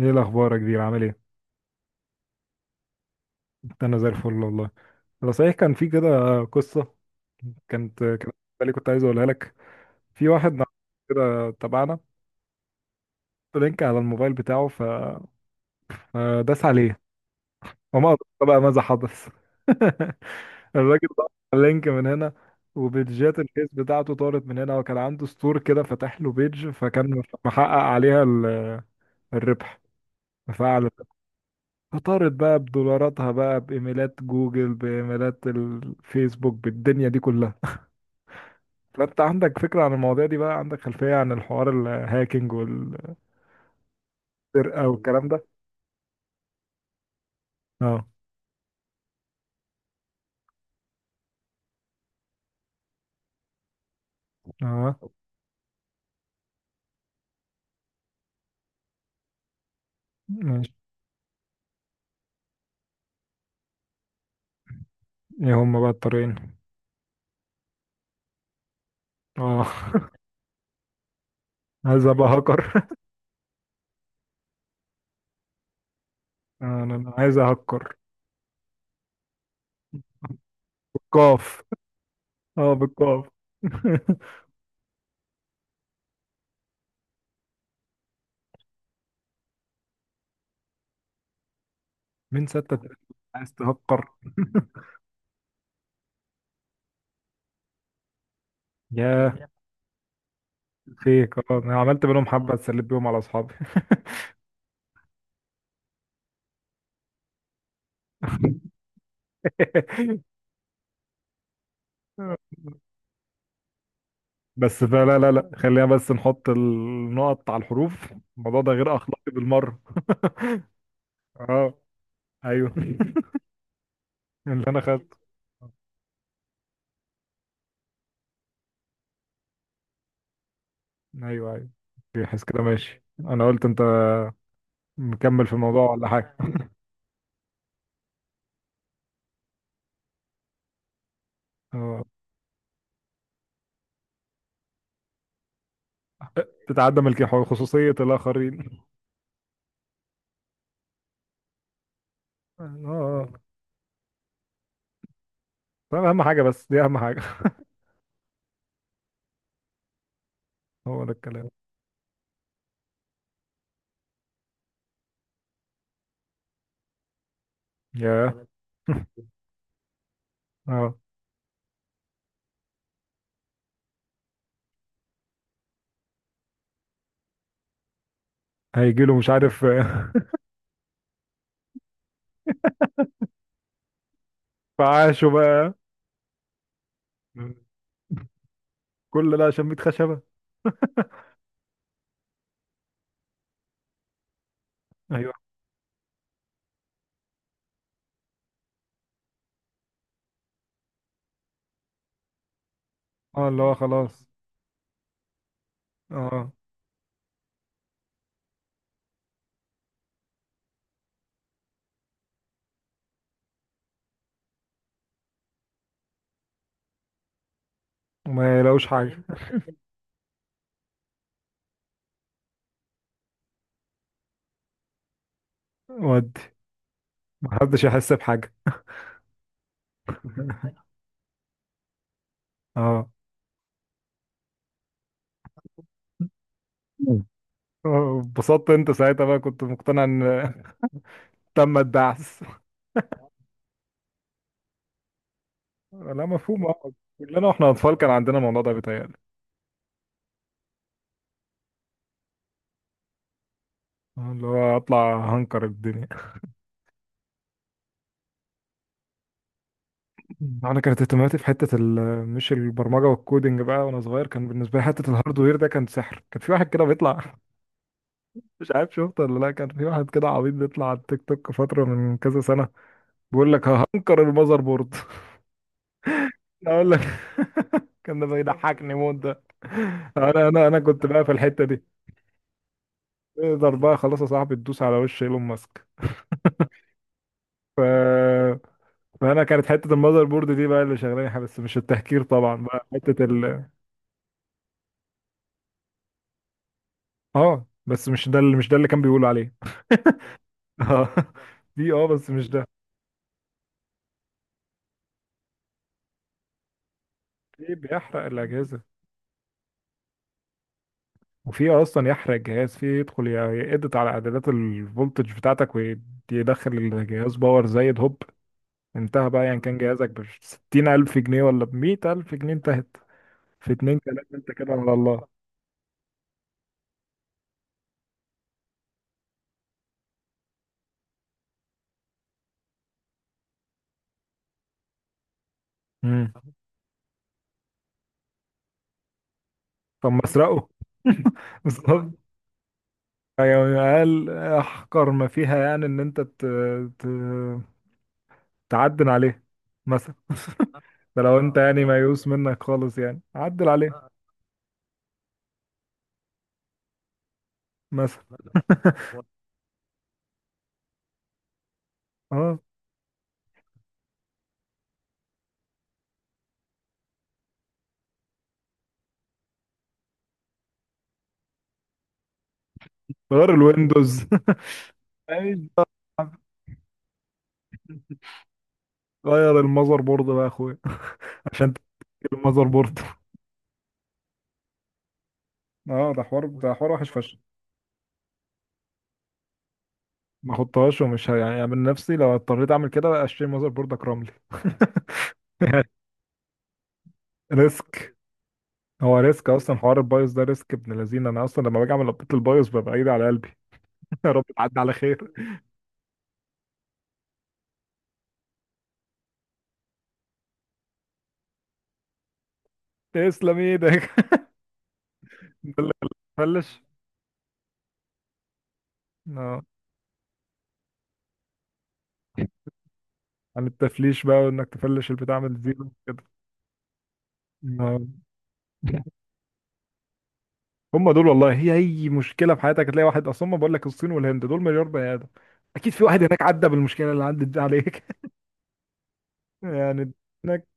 ايه الاخبار يا كبير؟ عامل ايه؟ انا زي الفل والله. انا صحيح كان في كده قصه كانت كده، بالي كنت عايز اقولها لك. في واحد، نعم، كده تبعنا لينك على الموبايل بتاعه فداس عليه وما أدرك بقى ماذا حدث. الراجل ضغط على اللينك من هنا وبيدجات الفيس بتاعته طارت من هنا، وكان عنده ستور كده فتح له بيدج فكان محقق عليها الربح فعلا. فطارت بقى بدولاراتها بقى، بإيميلات جوجل، بإيميلات الفيسبوك، بالدنيا دي كلها. فأنت عندك فكرة عن المواضيع دي بقى؟ عندك خلفية عن الحوار، الهاكينج والسرقة والكلام ده؟ اه، اه، ماشي. ايه هما بقى الطريقين؟ اه عايز ابقى هاكر. آه، أنا عايز اهكر بالقاف. اه، بالقاف. مين ستة؟ عايز تهكر؟ يا فيك، اه، انا عملت منهم حبة، اتسليت بيهم على اصحابي. بس فلا لا لا خلينا بس نحط النقط على الحروف. الموضوع ده غير اخلاقي بالمره. اه. ايوه. اللي انا خدته. ايوه، ايوه، يحس كده، ماشي، انا قلت انت مكمل في الموضوع ولا حاجه؟ اه، تتعدى ملك خصوصيه الاخرين. اه، آه. طب اهم حاجه، بس دي اهم حاجه. هو ده الكلام. يا. اه، هيجي له مش عارف. فعاشه بقى. كل ده عشان 100 خشبه؟ ايوه. اه، اللي هو خلاص. اه، وما يلاقوش حاجه. ودي محدش يحس بحاجة. اه. مم. آه، اتبسطت انت ساعتها بقى، كنت مقتنع ان تم الدعس. لا مفهوم، اه. كلنا واحنا اطفال كان عندنا الموضوع ده، بيتهيألي. آه، اللي هو اطلع هنكر الدنيا. مم. انا كانت اهتماماتي في حته مش البرمجه والكودينج بقى، وانا صغير كان بالنسبه لي حته الهاردوير ده كان سحر. كان في واحد كده بيطلع مش عارف شفته ولا لا، كان في واحد كده عبيط بيطلع على التيك توك فتره من كذا سنه، بيقول لك هنكر المذر بورد. اقول لك، كان ده بيضحكني موت ده. انا كنت بقى في الحته دي، تقدر بقى خلاص يا صاحبي تدوس على وش ايلون ماسك. ف... فانا كانت حته المذر بورد دي بقى اللي شغلاني حاجة، بس مش التهكير طبعا، بقى حته ال اه بس مش ده، مش ده اللي كان بيقول عليه. اه، دي اه، بس مش ده. في بيحرق الاجهزه، وفي اصلا يحرق الجهاز، في يدخل يقدر على اعدادات الفولتج بتاعتك ويدخل الجهاز باور زايد، هوب انتهى بقى. يعني كان جهازك بستين ألف جنيه ولا بمية ألف جنيه، انتهت في اتنين تلاتة، انت كده على الله. مم. طب ما اسرقه. بالظبط. يعني أقل أحقر ما فيها يعني إن أنت ت... تعدل عليه مثلا. ده لو أنت يعني ميؤوس منك خالص يعني، عدل عليه مثلا. اه، غير الويندوز. أيوة، غير المذر بورد بقى يا أخويا. عشان تجيب المذر بورد. اه، ده حوار، ده حوار وحش فشخ. ما احطهاش، ومش يعني من نفسي لو اضطريت اعمل كده اشتري ماذر بورد اكرملي. ريسك. هو ريسك اصلا، حوار البايوس ده ريسك ابن لذينه. انا اصلا لما باجي اعمل ابديت البايوس ببقى ايدي على قلبي. يا رب تعدي على خير. تسلم ايدك. ده اللي خلاك تفلش. اه، عن التفليش بقى، وانك تفلش البتاع من زيرو كده. آه. هم دول والله، هي اي مشكله في حياتك هتلاقي واحد اصلا، ما بقول لك، الصين والهند دول مليار بني ادم، اكيد في واحد هناك عدى بالمشكله اللي عدت دي عليك. يعني. هناك.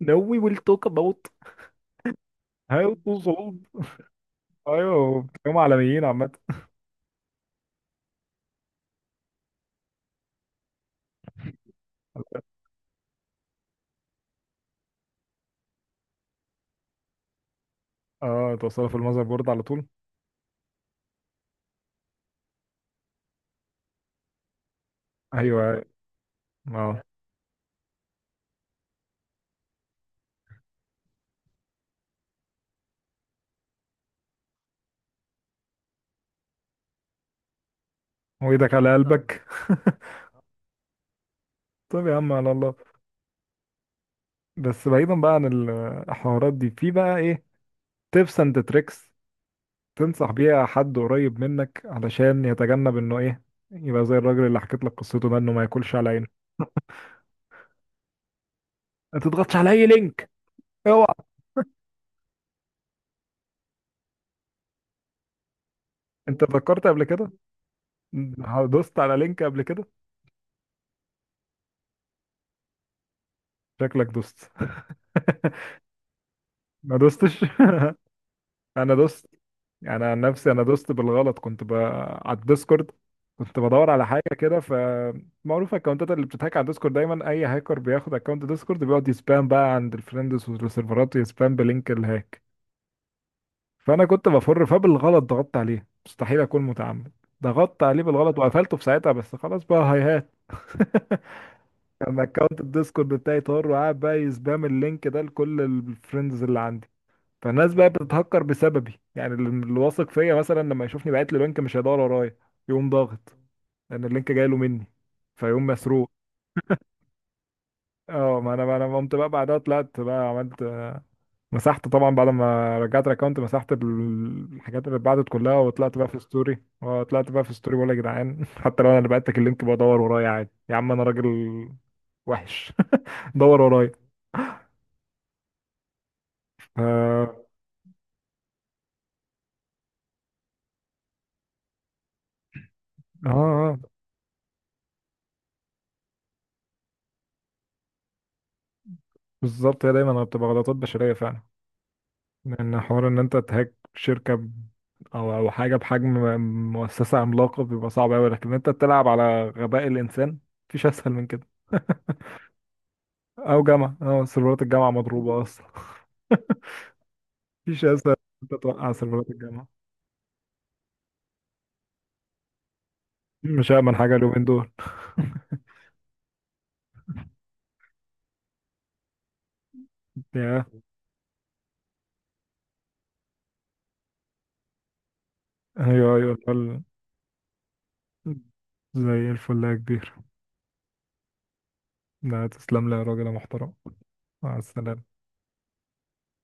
No, we will talk about. هيوصلوا صعود. ايوه، هم عالميين عامة. اه، توصلوا في المذر بورد على طول. ايوه، أيوة. اه، وايدك على قلبك. طب يا عم على الله. بس بعيدا بقى عن الحوارات دي، في بقى ايه تيبس اند تريكس تنصح بيها حد قريب منك علشان يتجنب انه ايه، يبقى زي الراجل اللي حكيت لك قصته ده، انه ما ياكلش على عينه؟ ما تضغطش على اي لينك، اوعى. انت فكرت قبل كده؟ دوست على لينك قبل كده؟ شكلك دوست. ما دوستش. انا دوست، يعني عن نفسي انا دوست بالغلط، كنت على الديسكورد كنت بدور على حاجه كده. فمعروف الاكونتات اللي بتتهاك على الديسكورد دايما، اي هاكر بياخد اكونت ديسكورد بيقعد يسبام بقى عند الفريندز والسيرفرات، ويسبام بلينك الهاك. فانا كنت بفر، فبالغلط ضغطت عليه، مستحيل اكون متعمد، ضغطت عليه بالغلط وقفلته في ساعتها، بس خلاص بقى، هاي هات. كان اكونت الديسكورد بتاعي طار، وقاعد بقى يسبام اللينك ده لكل الفريندز اللي عندي. فالناس بقى بتتهكر بسببي يعني، اللي واثق فيا مثلا لما يشوفني بعت له لينك مش هيدور ورايا، يقوم ضاغط، لان اللينك جاي له مني، فيقوم مسروق. اه، ما انا قمت بقى بعدها طلعت بقى عملت مسحت طبعا بعد ما رجعت الاكونت، مسحت الحاجات اللي اتبعتت كلها، وطلعت بقى في ستوري، بقول يا جدعان حتى لو انا اللي بعتك اللينك، بدور ورايا عادي، يا عم انا راجل وحش. دور ورايا. ف- اه اه آه، بالظبط. هي دايما بتبقى غلطات بشرية فعلا. لأن حوار إن أنت تهاك شركة أو حاجة بحجم مؤسسة عملاقة بيبقى صعب أوي، لكن أنت تلعب على غباء الإنسان، مفيش أسهل من كده. أو جامعة، أه سيرفرات الجامعة مضروبة أصلا. مفيش أسهل من أنت توقع سيرفرات الجامعة. مش أأمن حاجة اليومين دول. يا، أيوه أيوه الفل. زي الفل يا كبير. لا تسلم لي يا راجل يا محترم. مع السلامة.